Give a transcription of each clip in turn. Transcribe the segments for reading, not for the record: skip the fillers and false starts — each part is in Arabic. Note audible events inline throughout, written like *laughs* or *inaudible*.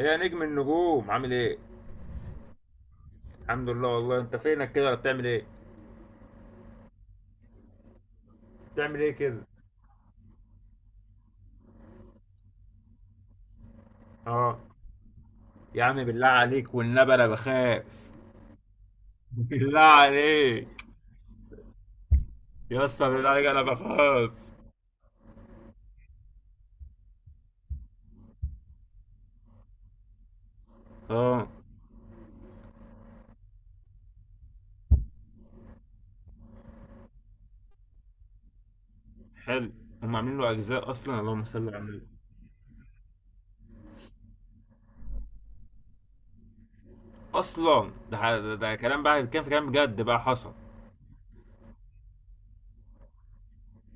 ايه يا نجم النجوم عامل ايه؟ الحمد لله، والله انت فينك كده ولا بتعمل ايه؟ بتعمل ايه كده؟ اه. يا عم بالله عليك والنبي انا بخاف. *laughs* بالله عليك. يا اسطى بالله عليك انا بخاف. اه. حلو. هم عاملين له اجزاء اصلا؟ اللهم صل على النبي. اصلا ده ده كلام بقى، كان في كلام بجد بقى حصل.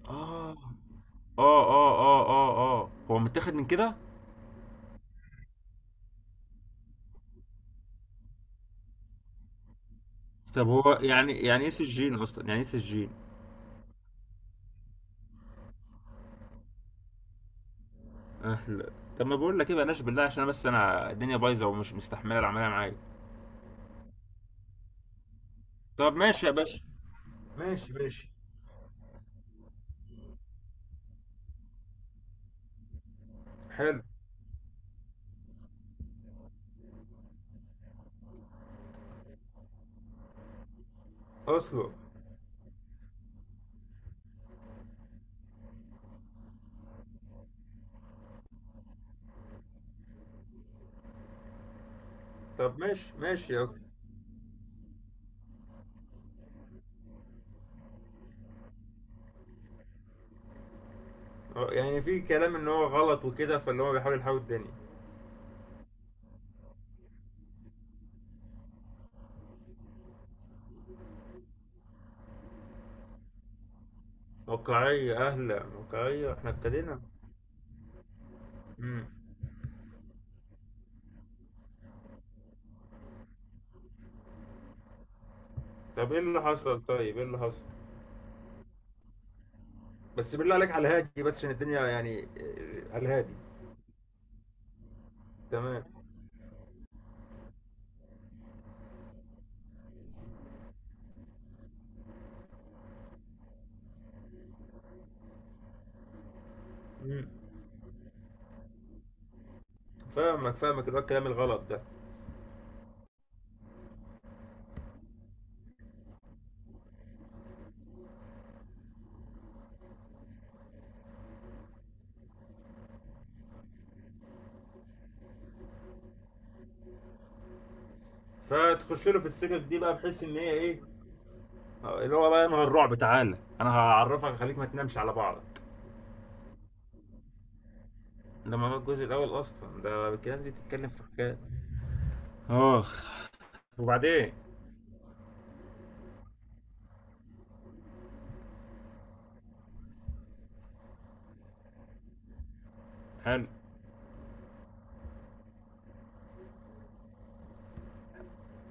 اه اه اه اه اه. اه، هو متاخد من كده. طب هو يعني، يعني ايه سجين اصلا يعني ايه سجين؟ أهلا. طب ما بقول لك ايه، بلاش بالله، عشان بس انا الدنيا بايظه ومش مستحمله العمليه معايا. طب ماشي يا باشا. ماشي ماشي. حلو. اصله. طب ماشي ماشي يا أخي. أه، يعني في كلام ان هو غلط وكده، فاللي هو بيحاول يحاول الدنيا. واقعية، اهلا، واقعية، احنا ابتدينا. امم طب ايه اللي حصل؟ طيب ايه اللي حصل؟ بس بالله عليك على الهادي، بس عشان الدنيا يعني، على الهادي. تمام. امم فاهمك فاهمك، اللي هو الكلام الغلط ده. فتخش له في السكك دي بقى بحيث ان هي ايه؟ اللي هو بقى نوع الرعب، تعالى انا هعرفك خليك ما تنامش على بعضك. ده ما هو الجزء الاول اصلا، ده الكنز دي بتتكلم في حكايات. اخ. وبعدين؟ حلو.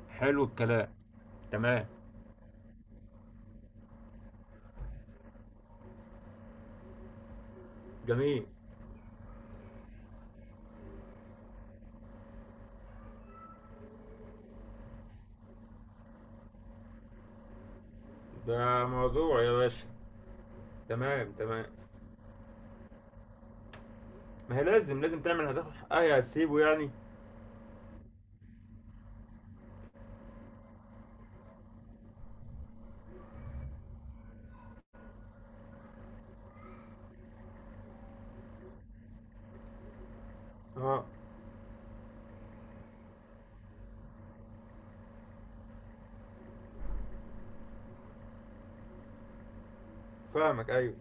حلو الكلام. تمام. جميل. ده موضوع يا باشا. تمام تمام. ما هي لازم لازم تعمل، هتاخد حقها يا هتسيبه يعني؟ اه. فاهمك، ايوه.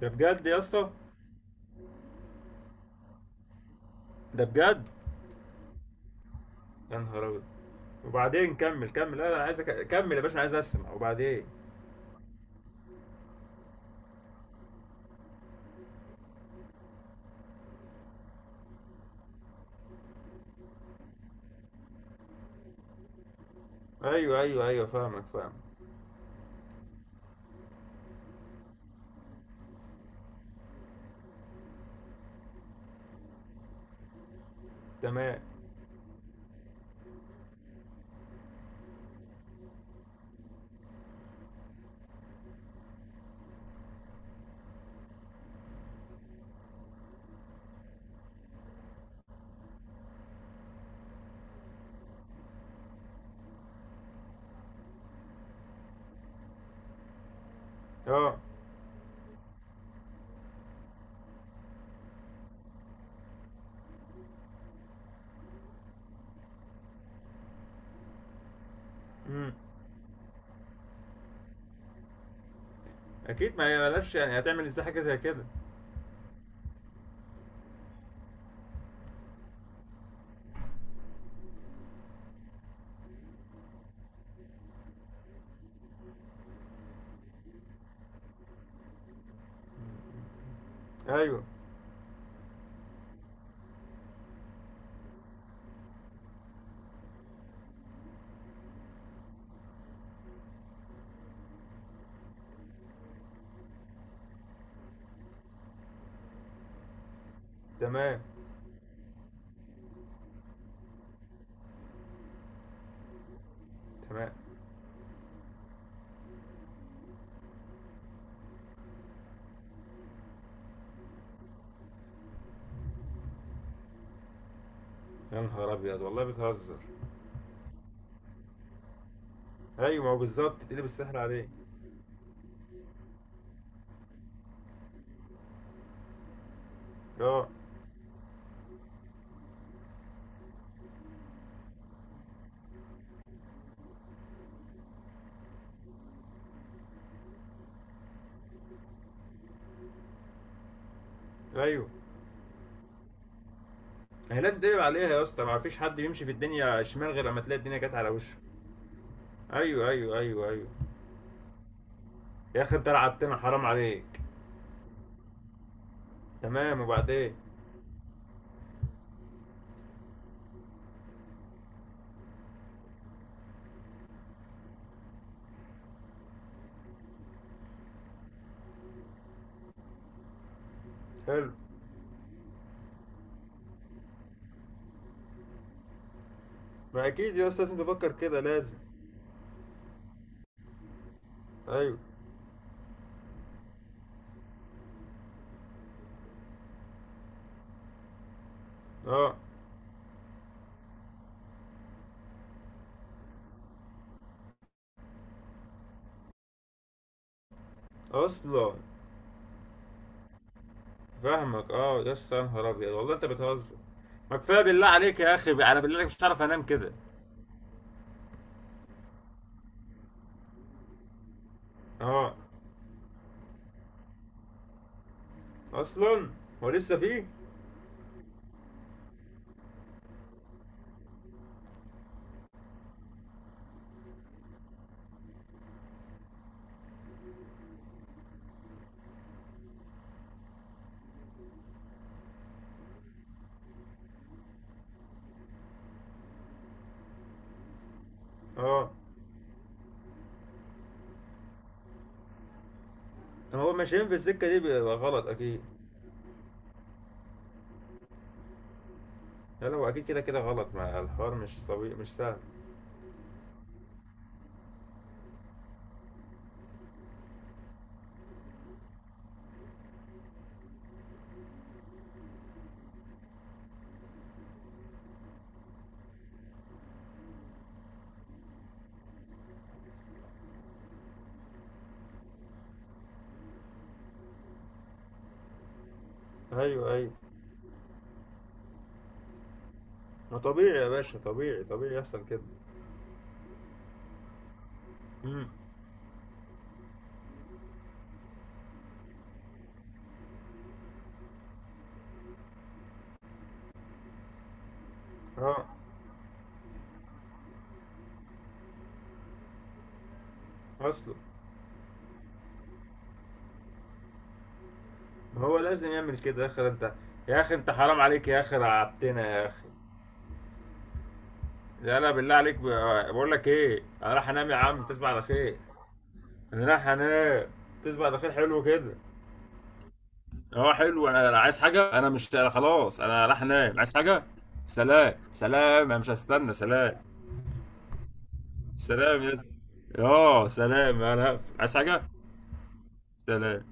ده بجد يا اسطى. ده بجد. يا نهار ابيض. وبعدين كمل كمل، لا انا عايز كمل يا باشا أنا عايز اسمع، وبعدين؟ ايوه ايوه ايوه، فاهمك فاهمك. تمام. اه. امم اكيد، ما هي بلاش يعني، هتعمل ازاي حاجه زي كده. ايوه. تمام تمام. يا نهار ابيض، والله بتهزر. ايوه، ما هو بالظبط تقلب السحر عليه. اه. ايوه، هي لازم تقلب عليها يا اسطى، ما فيش حد بيمشي في الدنيا شمال غير لما تلاقي الدنيا جت على وشه. ايوه ايوه ايوه ايوه. يا اخي انت لعبتنا، حرام عليك. تمام، وبعدين؟ حلو. ما اكيد يا اسطى لازم تفكر كده، لازم. ايوه. اه. اصلا. فاهمك، اه يا اسطى، يا نهار ابيض والله انت بتهزر. ما كفايه بالله عليك يا اخي، انا بالله عليك مش عارف انام كده. اه. اصلا. هو لسه فيه؟ اه. هو ماشيين في السكه دي بيبقى غلط اكيد. لا لا، هو اكيد كده كده غلط، ما الحوار مش طبيعي مش سهل. ايوه ايوه. ما طبيعي يا باشا، طبيعي طبيعي يحصل كده. امم اه. اصلا. ما هو لازم يعمل كده يا اخي انت. يا اخي انت حرام عليك يا اخي، رعبتنا يا اخي. لا لا، بالله عليك، بقول لك ايه، انا راح انام يا عم، تصبح على خير. لا هنام. تصبح على خير، حلو كده. اه حلو، انا عايز حاجه، انا مش أنا خلاص انا راح انام، عايز حاجه. سلام سلام، انا مش هستنى، سلام. سلام يا زلمة. اه سلام، انا هقفل. عايز حاجه. سلام